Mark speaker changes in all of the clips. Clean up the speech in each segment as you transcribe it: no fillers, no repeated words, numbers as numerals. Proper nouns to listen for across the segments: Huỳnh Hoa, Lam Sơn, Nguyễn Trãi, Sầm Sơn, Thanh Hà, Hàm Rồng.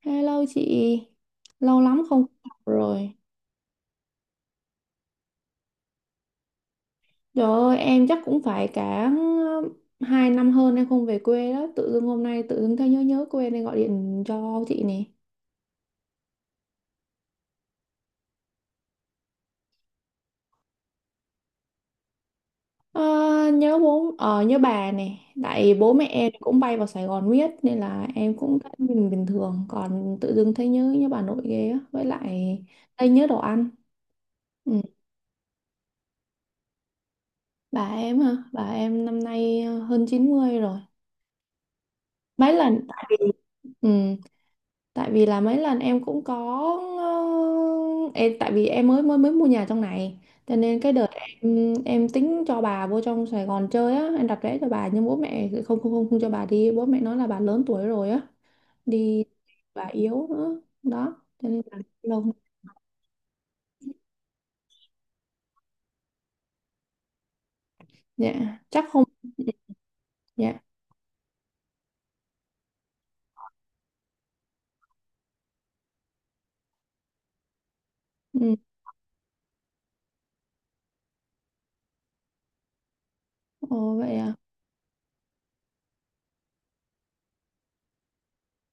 Speaker 1: Hello chị, lâu lắm không gặp rồi. Trời ơi, em chắc cũng phải cả hai năm hơn em không về quê đó. Tự dưng hôm nay tự dưng thấy nhớ nhớ quê nên gọi điện cho chị nè. Ờ, nhớ bố, nhớ bà nè. Tại bố mẹ em cũng bay vào Sài Gòn miết nên là em cũng thấy mình bình thường. Còn tự dưng thấy nhớ nhớ bà nội ghê á. Với lại thấy nhớ đồ ăn. Ừ. Bà em hả? Bà em năm nay hơn 90 rồi. Mấy lần tại vì ừ, tại vì là mấy lần em cũng có ờ, em tại vì em mới mới mới mua nhà trong này cho nên cái đợt em tính cho bà vô trong Sài Gòn chơi á, em đặt vé cho bà nhưng bố mẹ không không không không cho bà đi, bố mẹ nói là bà lớn tuổi rồi á, đi bà yếu nữa đó cho nên là lâu. Dạ chắc không, dạ, ừ. Ồ vậy à.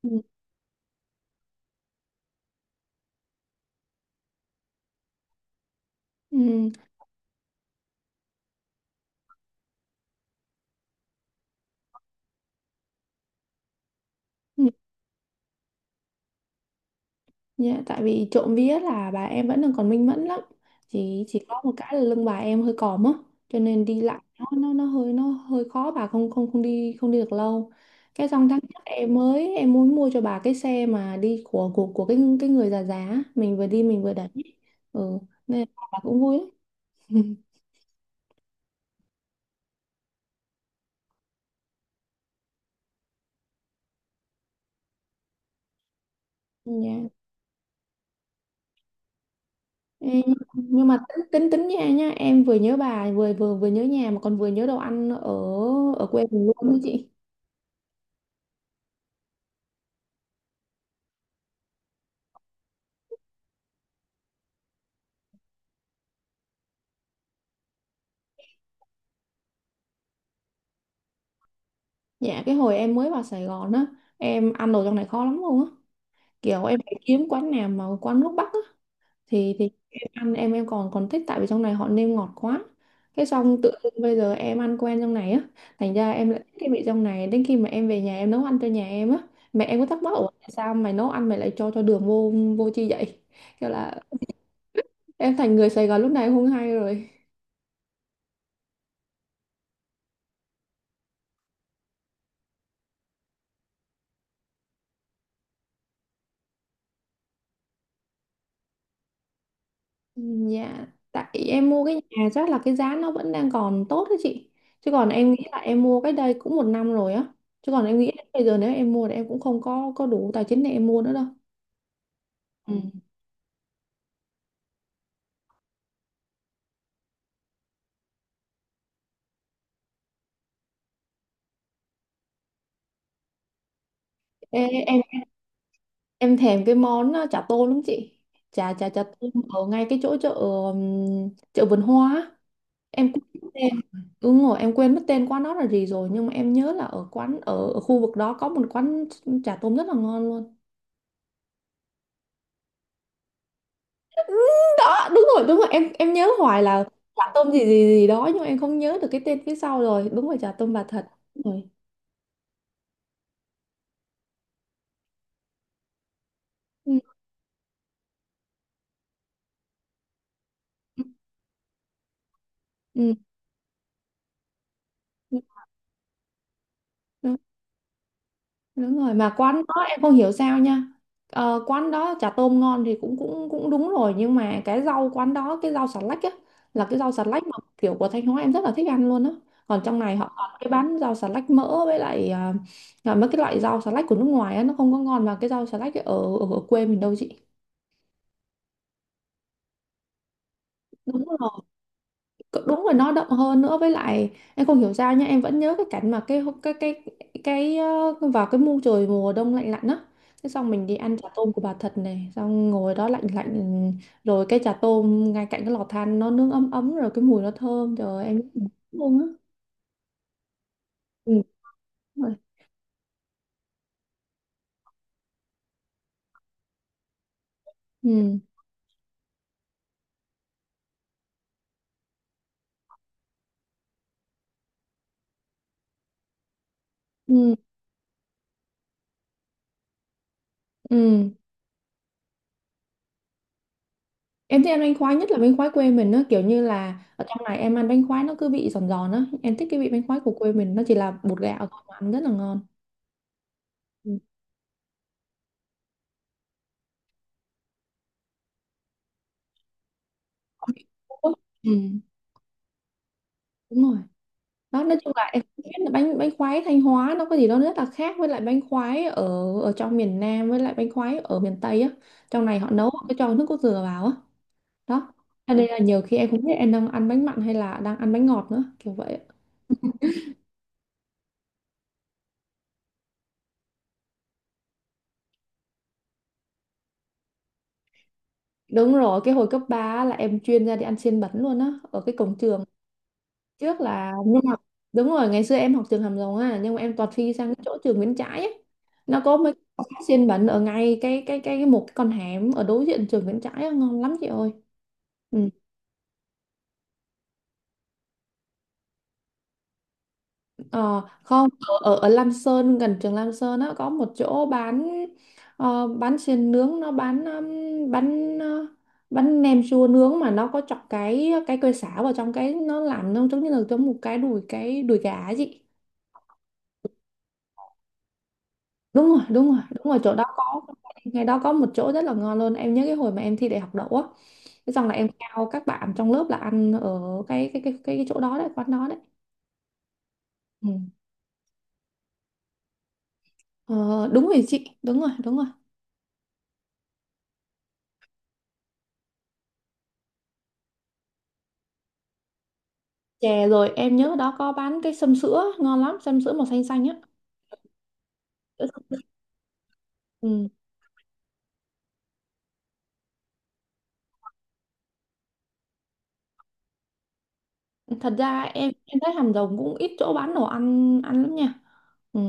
Speaker 1: Ừ. Ừ. Ừ. Dạ, tại vì trộm vía là bà em vẫn đang còn minh mẫn lắm, chỉ có một cái là lưng bà em hơi còm á, cho nên đi lại nó hơi khó, bà không không không đi không đi được lâu. Cái xong tháng trước em mới em muốn mua cho bà cái xe mà đi của cái người già già á, mình vừa đi mình vừa đẩy. Ừ, nên bà cũng vui lắm. Dạ. Ê, nhưng mà tính tính tính nha nhá, em vừa nhớ bà, vừa vừa vừa nhớ nhà, mà còn vừa nhớ đồ ăn ở ở quê mình luôn đó chị. Dạ cái hồi em mới vào Sài Gòn á, em ăn đồ trong này khó lắm luôn á, kiểu em phải kiếm quán nào mà quán nước Bắc á, thì em ăn em còn còn thích. Tại vì trong này họ nêm ngọt quá. Cái xong tự dưng bây giờ em ăn quen trong này á, thành ra em lại thích cái vị trong này. Đến khi mà em về nhà em nấu ăn cho nhà em á, mẹ em có thắc mắc: ủa tại sao mày nấu ăn mày lại cho đường vô vô chi vậy? Kiểu là em thành người Sài Gòn lúc này không hay rồi. Dạ, tại em mua cái nhà chắc là cái giá nó vẫn đang còn tốt đó chị. Chứ còn em nghĩ là em mua cái đây cũng một năm rồi á. Chứ còn em nghĩ là bây giờ nếu em mua thì em cũng không có có đủ tài chính để em mua nữa đâu. Ừ. Ê, em em thèm cái món chả tôm lắm chị. Chả chả chả tôm ở ngay cái chỗ chợ, chợ vườn hoa á. Em quên mất tên. Ừ, đúng rồi, em quên mất tên quán đó là gì rồi, nhưng mà em nhớ là ở quán ở, ở khu vực đó có một quán chả tôm rất là ngon luôn. Đó đúng rồi, đúng rồi, em nhớ hoài là chả tôm gì gì gì đó, nhưng mà em không nhớ được cái tên phía sau rồi. Đúng rồi, chả tôm bà Thật. Đúng rồi. Ừ, ừ, ừ, ừ. Đúng, đúng rồi, mà quán đó em không hiểu sao nha, quán đó chả tôm ngon thì cũng cũng cũng đúng rồi, nhưng mà cái rau quán đó, cái rau xà lách á, là cái rau xà lách mà kiểu của Thanh Hóa em rất là thích ăn luôn á. Còn trong này họ còn cái bán rau xà lách mỡ với lại à, là mấy cái loại rau xà lách của nước ngoài á, nó không có ngon bằng cái rau xà lách ở ở ở quê mình đâu chị. Đúng. Cỡ- đúng rồi, nó động hơn nữa, với lại em không hiểu sao nha, em vẫn nhớ cái cảnh mà cái vào cái mùa trời mùa đông lạnh lạnh á, thế xong mình đi ăn chả tôm của bà Thật này, xong ngồi đó lạnh lạnh, ừ, rồi cái chả tôm ngay cạnh cái lò than nó nướng ấm ấm, rồi cái mùi nó thơm, trời ơi, em nhớ luôn á. Ừ, đúng rồi. Ừ ừ ừ. Em thích ăn bánh khoái, nhất là bánh khoái quê mình á, kiểu như là ở trong này em ăn bánh khoái nó cứ vị giòn giòn á, em thích cái vị bánh khoái của quê mình nó chỉ là bột gạo thôi mà ăn rất là ngon. Ừ. Ừ, đúng rồi, đó nói chung là em cũng biết là bánh bánh khoái Thanh Hóa nó có gì đó rất là khác với lại bánh khoái ở ở trong miền Nam với lại bánh khoái ở miền Tây á, trong này họ nấu họ cứ cho nước cốt dừa vào á. Đó cho nên là nhiều khi em không biết em đang ăn bánh mặn hay là đang ăn bánh ngọt nữa, kiểu vậy. Đúng rồi, cái hồi cấp 3 là em chuyên ra đi ăn xiên bẩn luôn á ở cái cổng trường trước, là nhưng mà đúng rồi, ngày xưa em học trường Hàm Rồng á nhưng mà em toàn phi sang cái chỗ trường Nguyễn Trãi ấy. Nó có mấy cái quán xiên bẩn ở ngay cái con hẻm ở đối diện trường Nguyễn Trãi á, ngon lắm chị ơi. Ừ. ờ, không ở, ở ở Lam Sơn gần trường Lam Sơn á có một chỗ bán, bán xiên nướng, nó bán bán nem chua nướng mà nó có chọc cái cây sả vào trong cái, nó làm nó giống như là giống một cái đùi, cái đùi gà ấy chị. Đúng rồi, đúng rồi, đúng rồi, chỗ đó có, ngay đó có một chỗ rất là ngon luôn. Em nhớ cái hồi mà em thi đại học đậu á, thế xong là em theo các bạn trong lớp là ăn ở cái chỗ đó đấy, quán đó đấy. Ừ. Ờ, đúng rồi chị, đúng rồi, đúng rồi. Chè rồi em nhớ đó có bán cái sâm sữa ngon lắm, sâm sữa màu xanh xanh á. Ừ. Thật ra em thấy Hàm Rồng cũng ít chỗ bán đồ ăn ăn lắm nha. Ừ.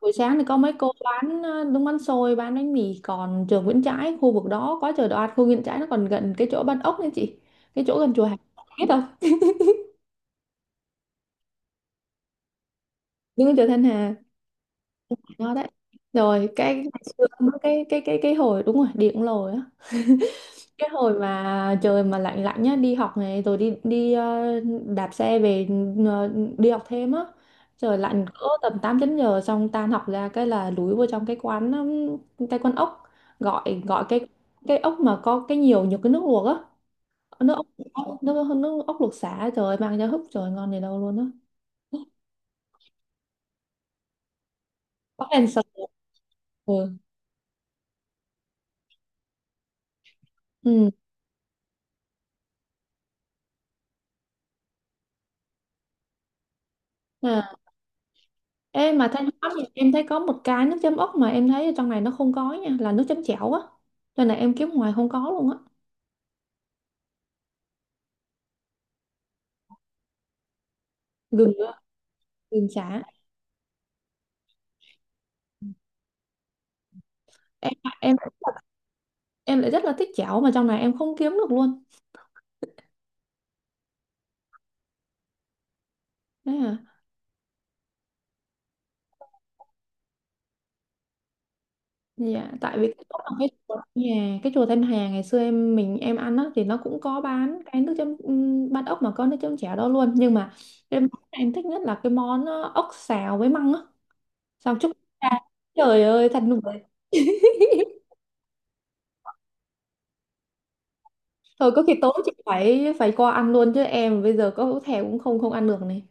Speaker 1: Buổi sáng thì có mấy cô bán đúng bánh xôi bán bánh mì, còn trường Nguyễn Trãi khu vực đó có chợ đồ ăn khu Nguyễn Trãi, nó còn gần cái chỗ bán ốc nữa chị, cái chỗ gần chùa Hà, biết không? Nhưng chợ Thanh Hà nó đấy, rồi cái hồi đúng rồi điện lồi á, cái hồi mà trời mà lạnh lạnh nhá, đi học này, rồi đi đi đạp xe về, ờ, đi học thêm á, trời lạnh cỡ tầm 8 9 giờ, xong tan học ra cái là lúi vô trong cái quán, cái quán ốc, gọi gọi cái ốc mà có cái nhiều nhiều cái nước luộc á, nước ốc, nước ốc luộc sả trời mang ra húp, trời ngon gì đâu luôn á. Có ăn sờ. Ừ. Ừ. À, ê mà Thanh Hóa thì em thấy có một cái nước chấm ốc mà em thấy ở trong này nó không có nha, là nước chấm chảo á, cho nên là em kiếm ngoài không có luôn á. Gừng á, gừng chả. Em em em lại rất là thích chảo mà trong này em không kiếm được luôn. Đấy à. Dạ tại vì cái chỗ ở cái chùa nhà cái chùa Thanh Hà ngày xưa em mình em ăn á, thì nó cũng có bán cái nước chấm, bát ốc mà có nước chấm chảo đó luôn, nhưng mà cái món em thích nhất là cái món ốc xào với măng á, xào chúc. À, trời ơi thật nực cười. Thôi có khi tối chị phải phải qua ăn luôn, chứ em bây giờ có thèm cũng không không ăn được này.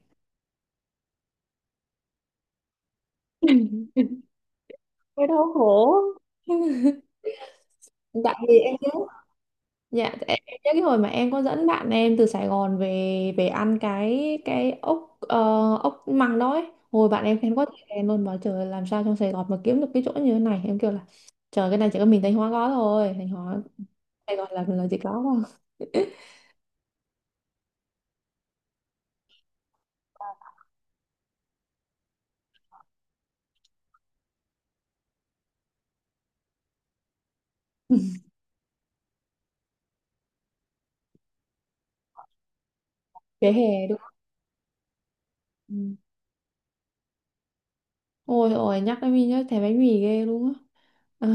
Speaker 1: Cái đau khổ. Tại vì em nhớ. Dạ, em nhớ cái hồi mà em có dẫn bạn em từ Sài Gòn về, về ăn cái ốc ốc măng đó ấy. Hồi bạn em khen quá trời khen luôn, bảo trời ơi, làm sao trong Sài Gòn mà kiếm được cái chỗ như thế này. Em kêu là trời, cái này chỉ có mình Thanh Hóa có thôi. Thanh Hóa Sài Gòn là chỉ có thôi. Vỉa hè đúng không? Ừ. Ôi ôi nhắc đến mình nhớ thèm bánh mì ghê luôn á. Ờ.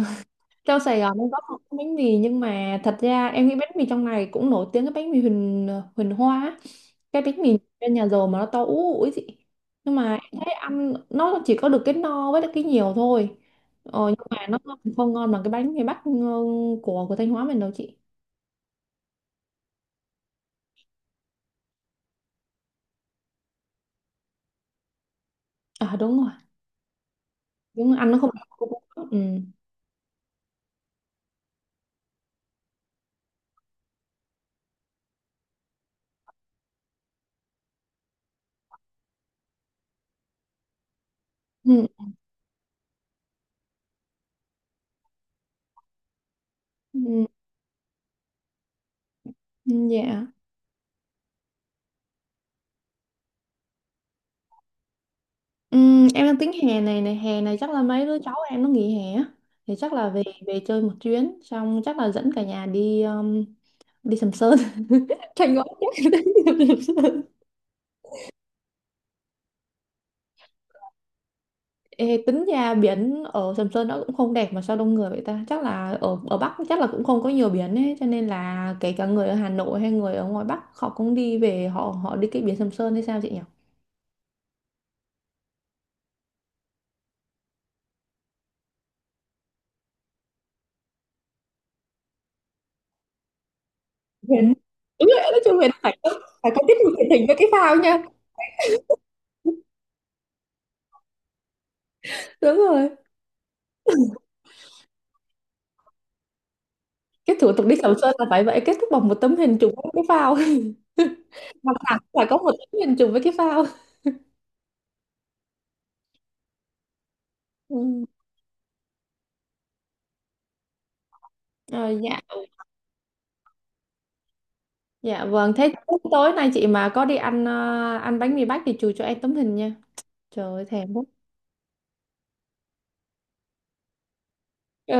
Speaker 1: Trong Sài Gòn em có một bánh mì, nhưng mà thật ra em nghĩ bánh mì trong này cũng nổi tiếng, cái bánh mì Huỳnh Huỳnh Hoa á. Cái bánh mì bên nhà giàu mà nó to ú ủi chị, nhưng mà em thấy ăn nó chỉ có được cái no với lại cái nhiều thôi. Ờ, nhưng mà nó không ngon bằng cái bánh mì Bắc, ừ, của Thanh Hóa mình đâu chị. À đúng rồi, đúng, ăn nó không. Ừ. Ừ. Ừ. Ừ. Dạ. Em đang tính hè này, hè này chắc là mấy đứa cháu em nó nghỉ hè á, thì chắc là về về chơi một chuyến, xong chắc là dẫn cả nhà đi đi Sầm Sơn. Thanh Hóa, chắc là đi Sầm Sơn. Ê, tính ra biển ở Sầm Sơn nó cũng không đẹp mà sao đông người vậy ta, chắc là ở ở Bắc chắc là cũng không có nhiều biển ấy, cho nên là kể cả người ở Hà Nội hay người ở ngoài Bắc họ cũng đi về họ họ đi cái biển Sầm Sơn hay sao chị nhỉ. Biển. Đúng rồi, nói chung Huyền phải có tiết mục thiện tình với cái phao nha. Đúng rồi, cái thủ tục đi Sầm Sơn là phải vậy, kết thúc bằng một tấm hình chụp với cái phao. Mặt nạ phải có một tấm hình chụp với cái phao. Ừ. Ờ, dạ. Dạ vâng thế, tối nay chị mà có đi ăn ăn bánh mì Bách thì chụp cho em tấm hình nha, trời ơi thèm quá. Ờ,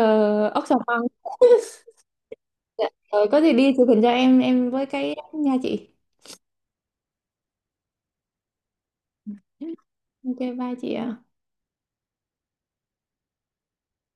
Speaker 1: ốc sò măng. Dạ. Ờ, có gì đi chụp hình cho em với cái nha chị. OK, bye chị ạ.